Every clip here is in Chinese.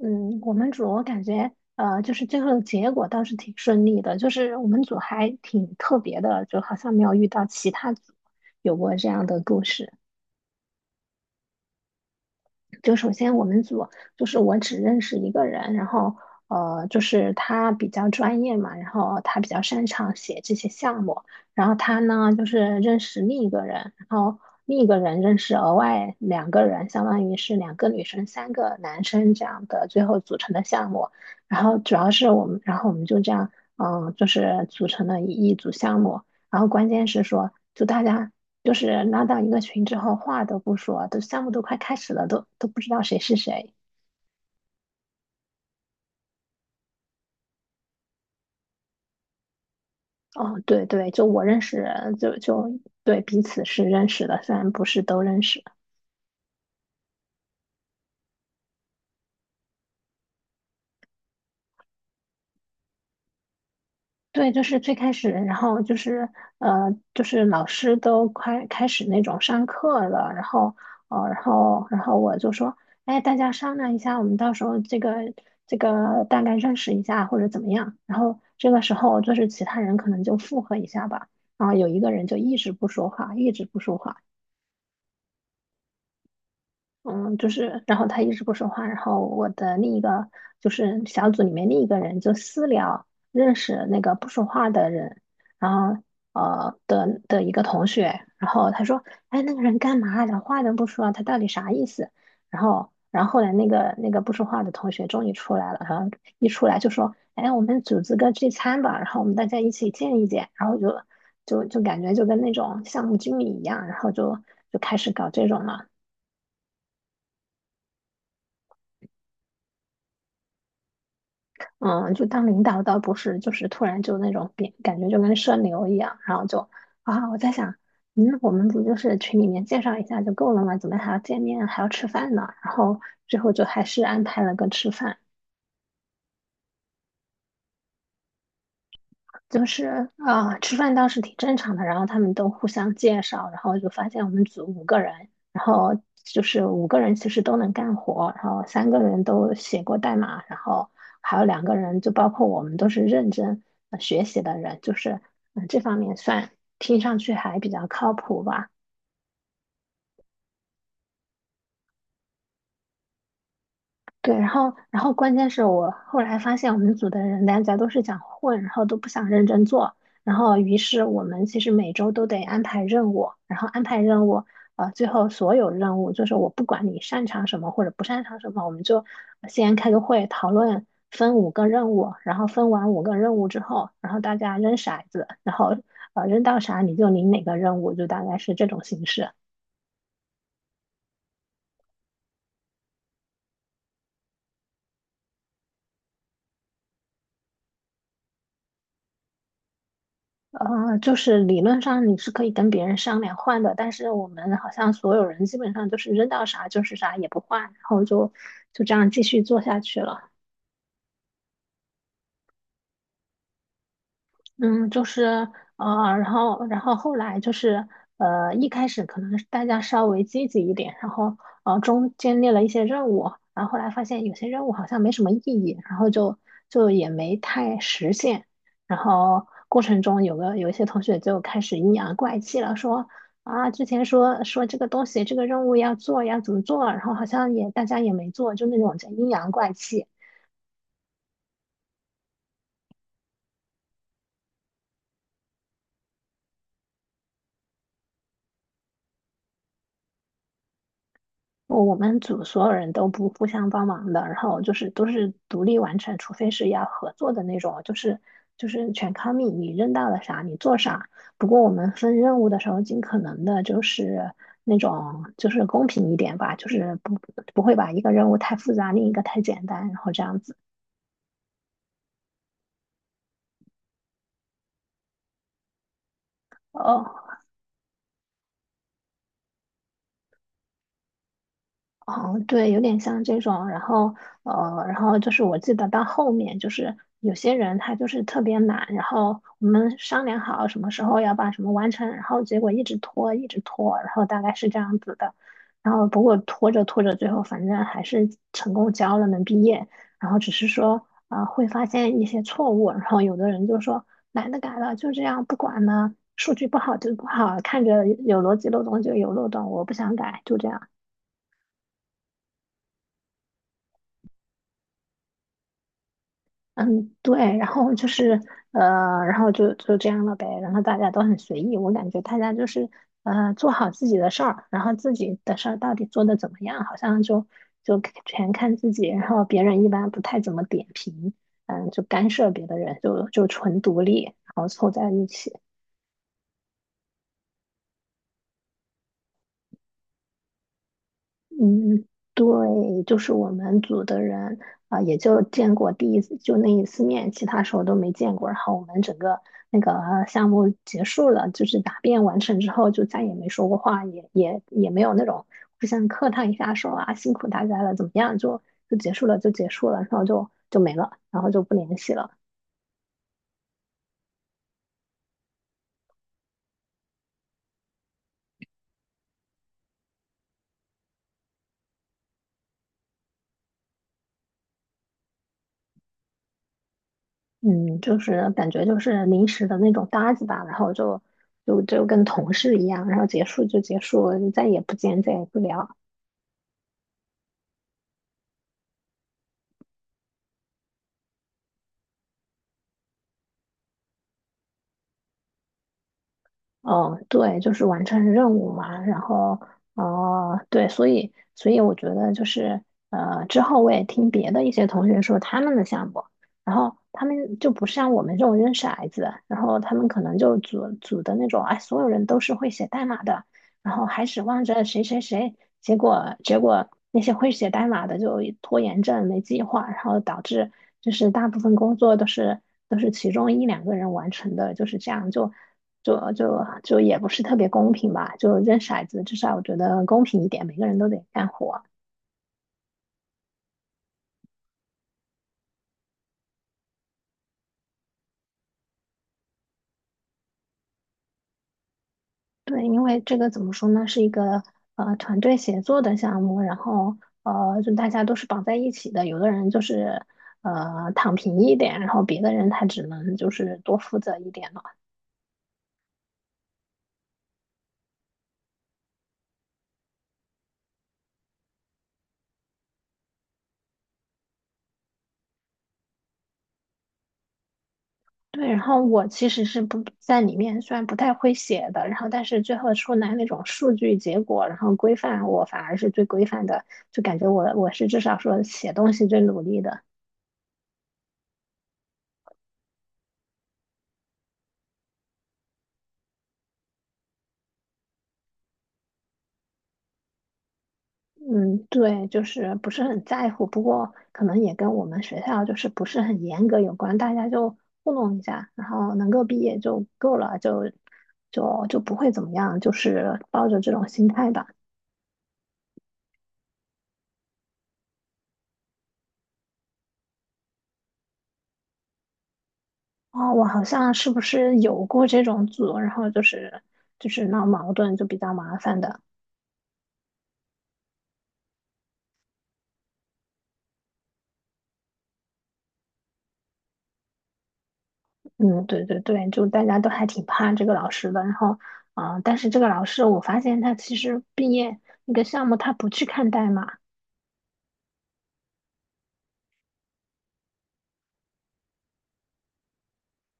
嗯，我们组我感觉，就是最后的结果倒是挺顺利的，就是我们组还挺特别的，就好像没有遇到其他组有过这样的故事。就首先我们组就是我只认识一个人，然后就是他比较专业嘛，然后他比较擅长写这些项目，然后他呢就是认识另一个人，然后另一个人认识额外两个人，相当于是两个女生三个男生这样的最后组成的项目，然后主要是我们，然后我们就这样，嗯，就是组成了一组项目，然后关键是说就大家就是拉到一个群之后，话都不说，都项目都快开始了，都不知道谁是谁。哦，对对，就我认识人，就对彼此是认识的，虽然不是都认识。对，就是最开始，然后就是就是老师都快开始那种上课了，然后然后我就说，哎，大家商量一下，我们到时候这个大概认识一下或者怎么样。然后这个时候就是其他人可能就附和一下吧，然后有一个人就一直不说话，一直不说话。嗯，就是，然后他一直不说话，然后我的另一个就是小组里面另一个人就私聊认识那个不说话的人，然后的一个同学，然后他说，哎，那个人干嘛连话都不说，他到底啥意思？然后后来那个不说话的同学终于出来了，然后一出来就说，哎，我们组织个聚餐吧，然后我们大家一起见一见，然后就感觉就跟那种项目经理一样，然后就开始搞这种了。嗯，就当领导倒不是，就是突然就那种变，感觉就跟社牛一样，然后就啊，我在想，嗯，我们不就是群里面介绍一下就够了吗？怎么还要见面，还要吃饭呢？然后最后就还是安排了个吃饭。就是吃饭倒是挺正常的，然后他们都互相介绍，然后就发现我们组五个人，然后就是五个人其实都能干活，然后三个人都写过代码，然后还有两个人就包括我们都是认真学习的人，就是这方面算听上去还比较靠谱吧。对，然后关键是我后来发现我们组的人大家都是想混，然后都不想认真做，然后于是我们其实每周都得安排任务，然后安排任务，最后所有任务就是我不管你擅长什么或者不擅长什么，我们就先开个会讨论，分五个任务，然后分完五个任务之后，然后大家扔骰子，然后扔到啥你就领哪个任务，就大概是这种形式。就是理论上你是可以跟别人商量换的，但是我们好像所有人基本上就是扔到啥就是啥也不换，然后就这样继续做下去了。嗯，就是然后后来就是一开始可能是大家稍微积极一点，然后中间列了一些任务，然后后来发现有些任务好像没什么意义，然后就也没太实现。然后过程中有一些同学就开始阴阳怪气了，说啊之前说说这个东西这个任务要做要怎么做，然后好像也大家也没做，就那种叫阴阳怪气。我们组所有人都不互相帮忙的，然后就是都是独立完成，除非是要合作的那种，就是全靠你，你扔到了啥你做啥。不过我们分任务的时候，尽可能的就是那种就是公平一点吧，就是不会把一个任务太复杂，另一个太简单，然后这样子。哦。哦，对，有点像这种，然后然后就是我记得到后面就是有些人他就是特别懒，然后我们商量好什么时候要把什么完成，然后结果一直拖，一直拖，然后大概是这样子的，然后不过拖着拖着，最后反正还是成功交了，能毕业，然后只是说会发现一些错误，然后有的人就说懒得改了，就这样不管了，数据不好就不好，看着有逻辑漏洞就有漏洞，我不想改，就这样。嗯，对，然后就是然后就这样了呗，然后大家都很随意，我感觉大家就是做好自己的事儿，然后自己的事儿到底做得怎么样，好像就全看自己，然后别人一般不太怎么点评，嗯，就干涉别的人，就纯独立，然后凑在一起。嗯，对，就是我们组的人也就见过第一次，就那一次面，其他时候都没见过。然后我们整个那个项目结束了，就是答辩完成之后，就再也没说过话，也没有那种互相客套一下说啊辛苦大家了，怎么样，就结束了，就结束了，然后就没了，然后就不联系了。嗯，就是感觉就是临时的那种搭子吧，然后就跟同事一样，然后结束就结束，再也不见，再也不聊。哦，对，就是完成任务嘛，然后，哦、对，所以我觉得就是，之后我也听别的一些同学说他们的项目，然后他们就不像我们这种认识骰子，然后他们可能就组的那种，哎，所有人都是会写代码的，然后还指望着谁谁谁，结果那些会写代码的就拖延症、没计划，然后导致就是大部分工作都是其中一两个人完成的，就是这样就。就也不是特别公平吧，就扔骰子，至少我觉得公平一点，每个人都得干活。对，因为这个怎么说呢，是一个团队协作的项目，然后就大家都是绑在一起的，有的人就是躺平一点，然后别的人他只能就是多负责一点。对，然后我其实是不在里面，虽然不太会写的，然后但是最后出来那种数据结果，然后规范，我反而是最规范的，就感觉我是至少说写东西最努力的。嗯，对，就是不是很在乎，不过可能也跟我们学校就是不是很严格有关，大家就糊弄一下，然后能够毕业就够了，就不会怎么样，就是抱着这种心态吧。哦，我好像是不是有过这种组，然后就是闹矛盾，就比较麻烦的。嗯，对对对，就大家都还挺怕这个老师的。然后，但是这个老师我发现他其实毕业那个项目他不去看代码。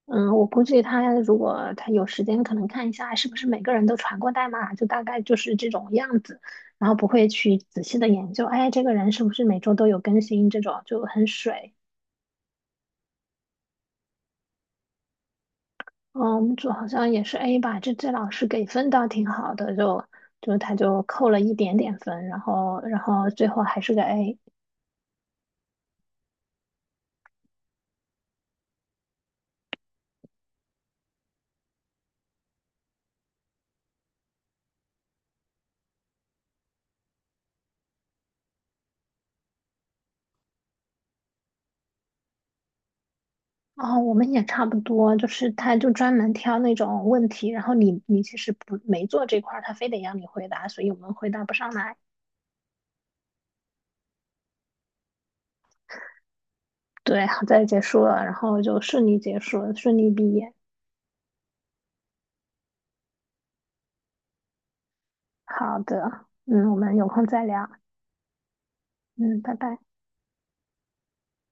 嗯，我估计他如果他有时间，可能看一下是不是每个人都传过代码，就大概就是这种样子，然后不会去仔细的研究，哎，这个人是不是每周都有更新这种，就很水。嗯，我们组好像也是 A 吧，这老师给分倒挺好的，就他就扣了一点点分，然后最后还是个 A。哦，我们也差不多，就是他就专门挑那种问题，然后你其实不没做这块儿，他非得让你回答，所以我们回答不上来。对，好在结束了，然后就顺利结束了，顺利毕业。好的，嗯，我们有空再聊，嗯，拜拜。